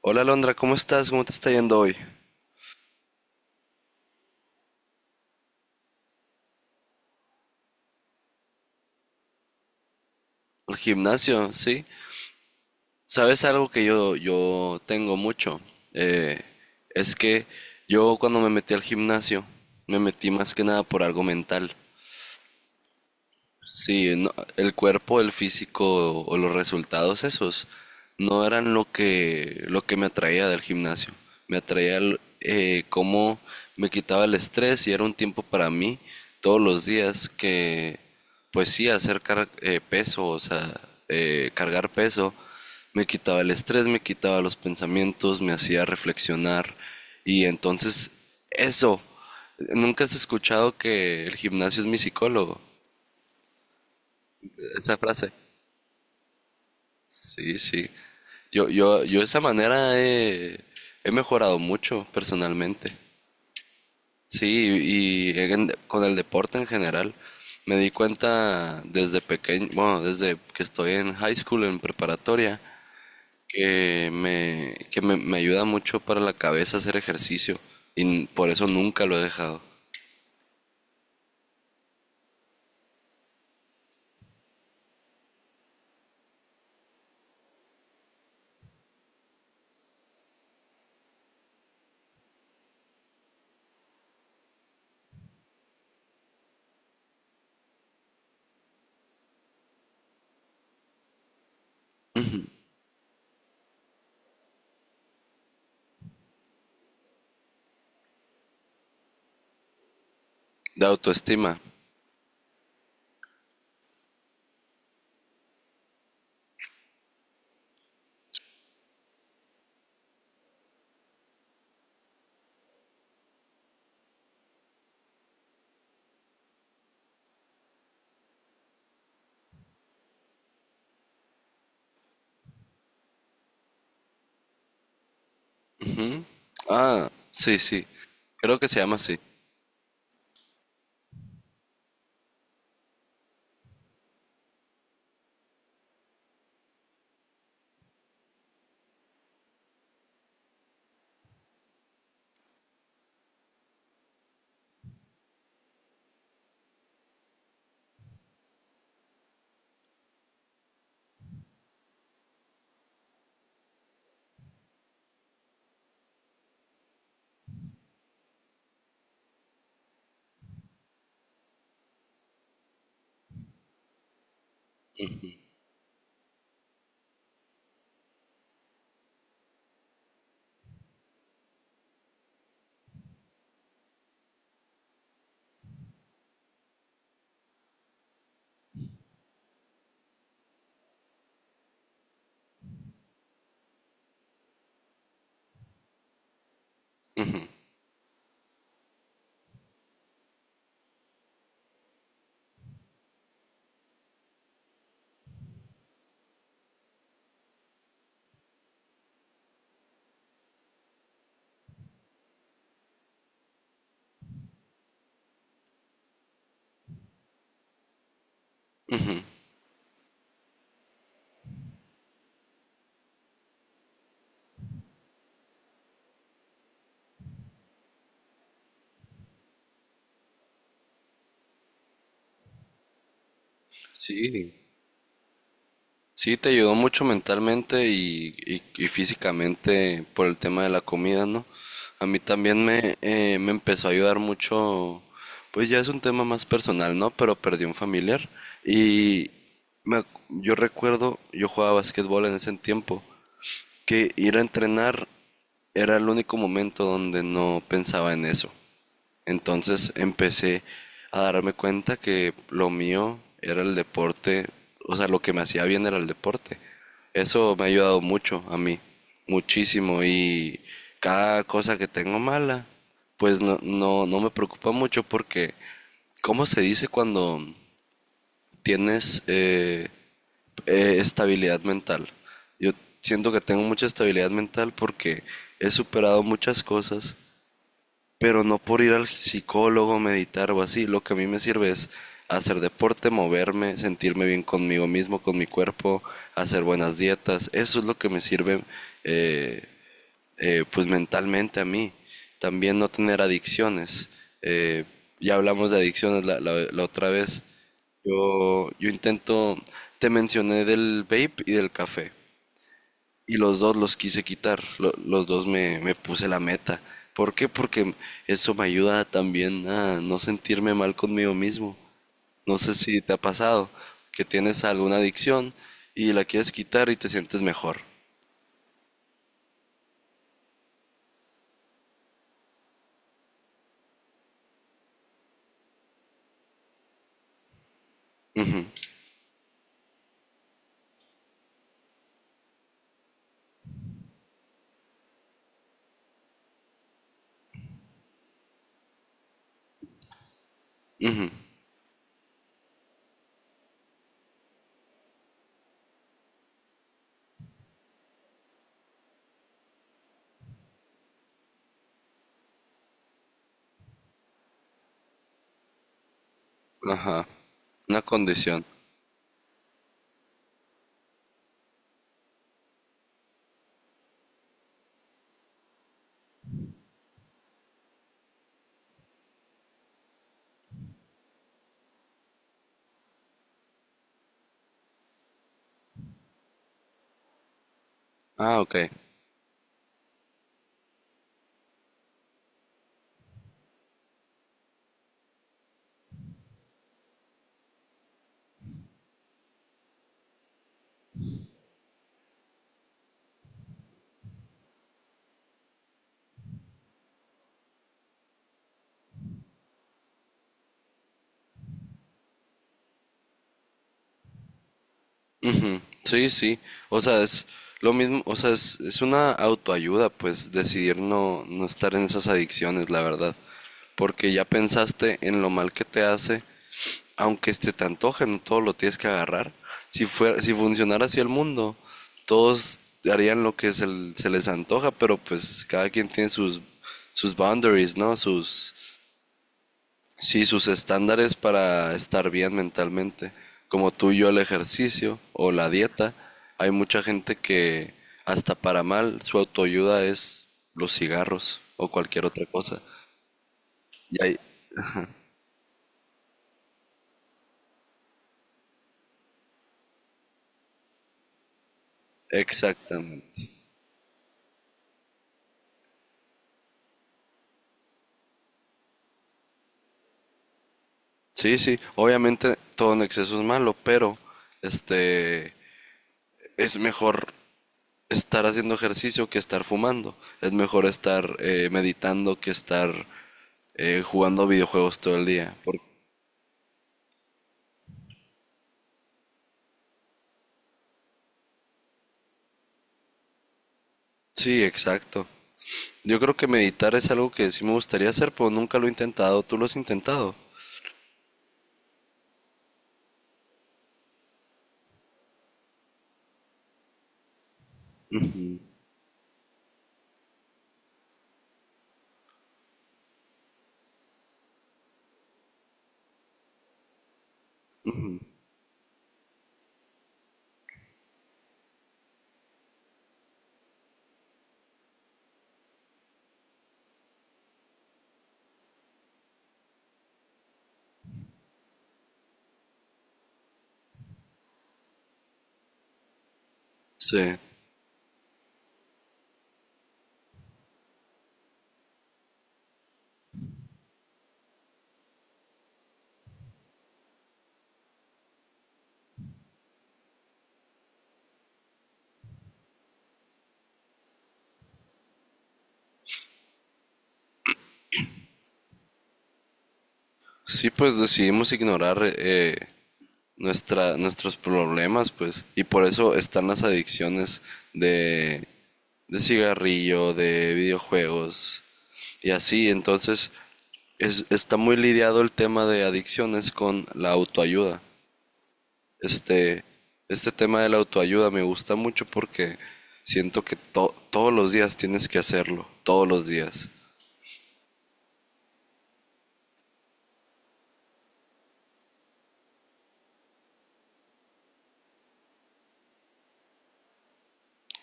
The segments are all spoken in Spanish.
Hola Londra, ¿cómo estás? ¿Cómo te está yendo hoy? Al gimnasio, ¿sí? ¿Sabes algo que yo tengo mucho? Eh, es que yo cuando me metí al gimnasio, me metí más que nada por algo mental. Sí, no, el cuerpo, el físico o los resultados esos no eran lo que me atraía del gimnasio. Me atraía cómo me quitaba el estrés y era un tiempo para mí todos los días que, pues sí, peso, o sea, cargar peso, me quitaba el estrés, me quitaba los pensamientos, me hacía reflexionar y entonces eso, ¿nunca has escuchado que el gimnasio es mi psicólogo? Esa frase. Sí, sí. Yo de esa he mejorado mucho personalmente. Sí, y con el deporte en general. Me di cuenta desde pequeño, bueno, desde que estoy en high school, en preparatoria, que me ayuda mucho para la cabeza hacer ejercicio. Y por eso nunca lo he dejado. De autoestima. Ah, sí, sí. Creo que se llama así. Sí. Sí, te ayudó mucho mentalmente y físicamente por el tema de la comida, ¿no? A mí también me empezó a ayudar mucho, pues ya es un tema más personal, ¿no? Pero perdí un familiar y yo recuerdo, yo jugaba básquetbol en ese tiempo, que ir a entrenar era el único momento donde no pensaba en eso. Entonces empecé a darme cuenta que lo mío era el deporte, o sea, lo que me hacía bien era el deporte. Eso me ha ayudado mucho a mí, muchísimo. Y cada cosa que tengo mala, pues no me preocupa mucho porque, ¿cómo se dice cuando tienes estabilidad mental? Yo siento que tengo mucha estabilidad mental porque he superado muchas cosas pero no por ir al psicólogo, meditar o así. Lo que a mí me sirve es hacer deporte, moverme, sentirme bien conmigo mismo, con mi cuerpo, hacer buenas dietas. Eso es lo que me sirve eh, pues mentalmente a mí. También no tener adicciones. Eh, ya hablamos de adicciones la otra vez. Yo intento, te mencioné del vape y del café y los dos los quise quitar, los dos me puse la meta. ¿Por qué? Porque eso me ayuda también a no sentirme mal conmigo mismo. No sé si te ha pasado que tienes alguna adicción y la quieres quitar y te sientes mejor. Ujú, ujú, ajá. Una condición. Ah, ok. Ujú, sí, sí. O sea, es lo mismo, o sea, es una autoayuda, pues decidir no estar en esas adicciones, la verdad. Porque ya pensaste en lo mal que te hace aunque se te antoje no todo lo tienes que agarrar. Si, fuera, si funcionara así el mundo, todos harían lo que se les antoja, pero pues cada quien tiene sus, sus boundaries, ¿no? Sus, sí, sus estándares para estar bien mentalmente. Como tú y yo el ejercicio o la dieta, hay mucha gente que hasta para mal su autoayuda es los cigarros o cualquier otra cosa. Y hay, exactamente. Sí, sí, obviamente todo en exceso es malo, pero este es mejor estar haciendo ejercicio que estar fumando. Es mejor estar meditando que estar jugando videojuegos todo el día. Por- Sí, exacto. Yo creo que meditar es algo que sí me gustaría hacer, pero nunca lo he intentado. ¿Tú lo has intentado? Sí. Sí, pues decidimos ignorar nuestros problemas, pues. Y por eso están las adicciones de, de cigarrillo, de videojuegos y así. Entonces, está muy lidiado el tema de adicciones con la autoayuda. Este, este tema de la autoayuda me gusta mucho porque siento que todos los días tienes que hacerlo, todos los días.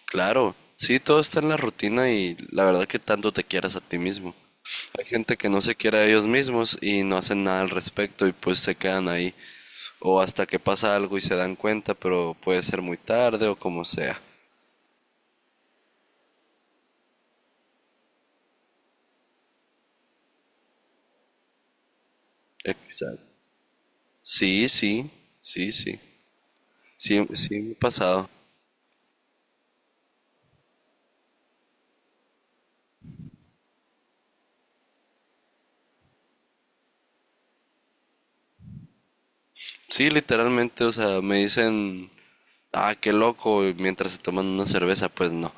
Claro, sí, todo está en la rutina y la verdad que tanto te quieras a ti mismo. Hay gente que no se quiere a ellos mismos y no hacen nada al respecto y pues se quedan ahí. O hasta que pasa algo y se dan cuenta, pero puede ser muy tarde o como sea. Exacto. Sí, sí, sí, sí. Sí, sí me ha pasado. Sí, literalmente, o sea, me dicen, ah, qué loco, y mientras se toman una cerveza, pues no.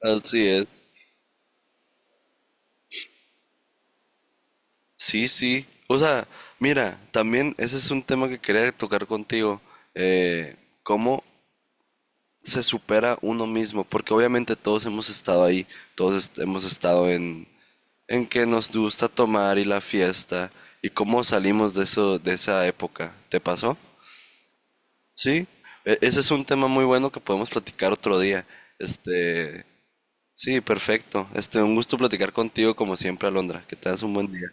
Así es. Sí, sí. O sea, mira, también ese es un tema que quería tocar contigo. eh, ¿Cómo se supera uno mismo? Porque obviamente todos hemos estado ahí, hemos estado en que nos gusta tomar y la fiesta. ¿Y cómo salimos de eso, de esa época? ¿Te pasó? Sí. Ese es un tema muy bueno que podemos platicar otro día. Este, sí, perfecto. Este, un gusto platicar contigo como siempre, Alondra. Que tengas un buen día.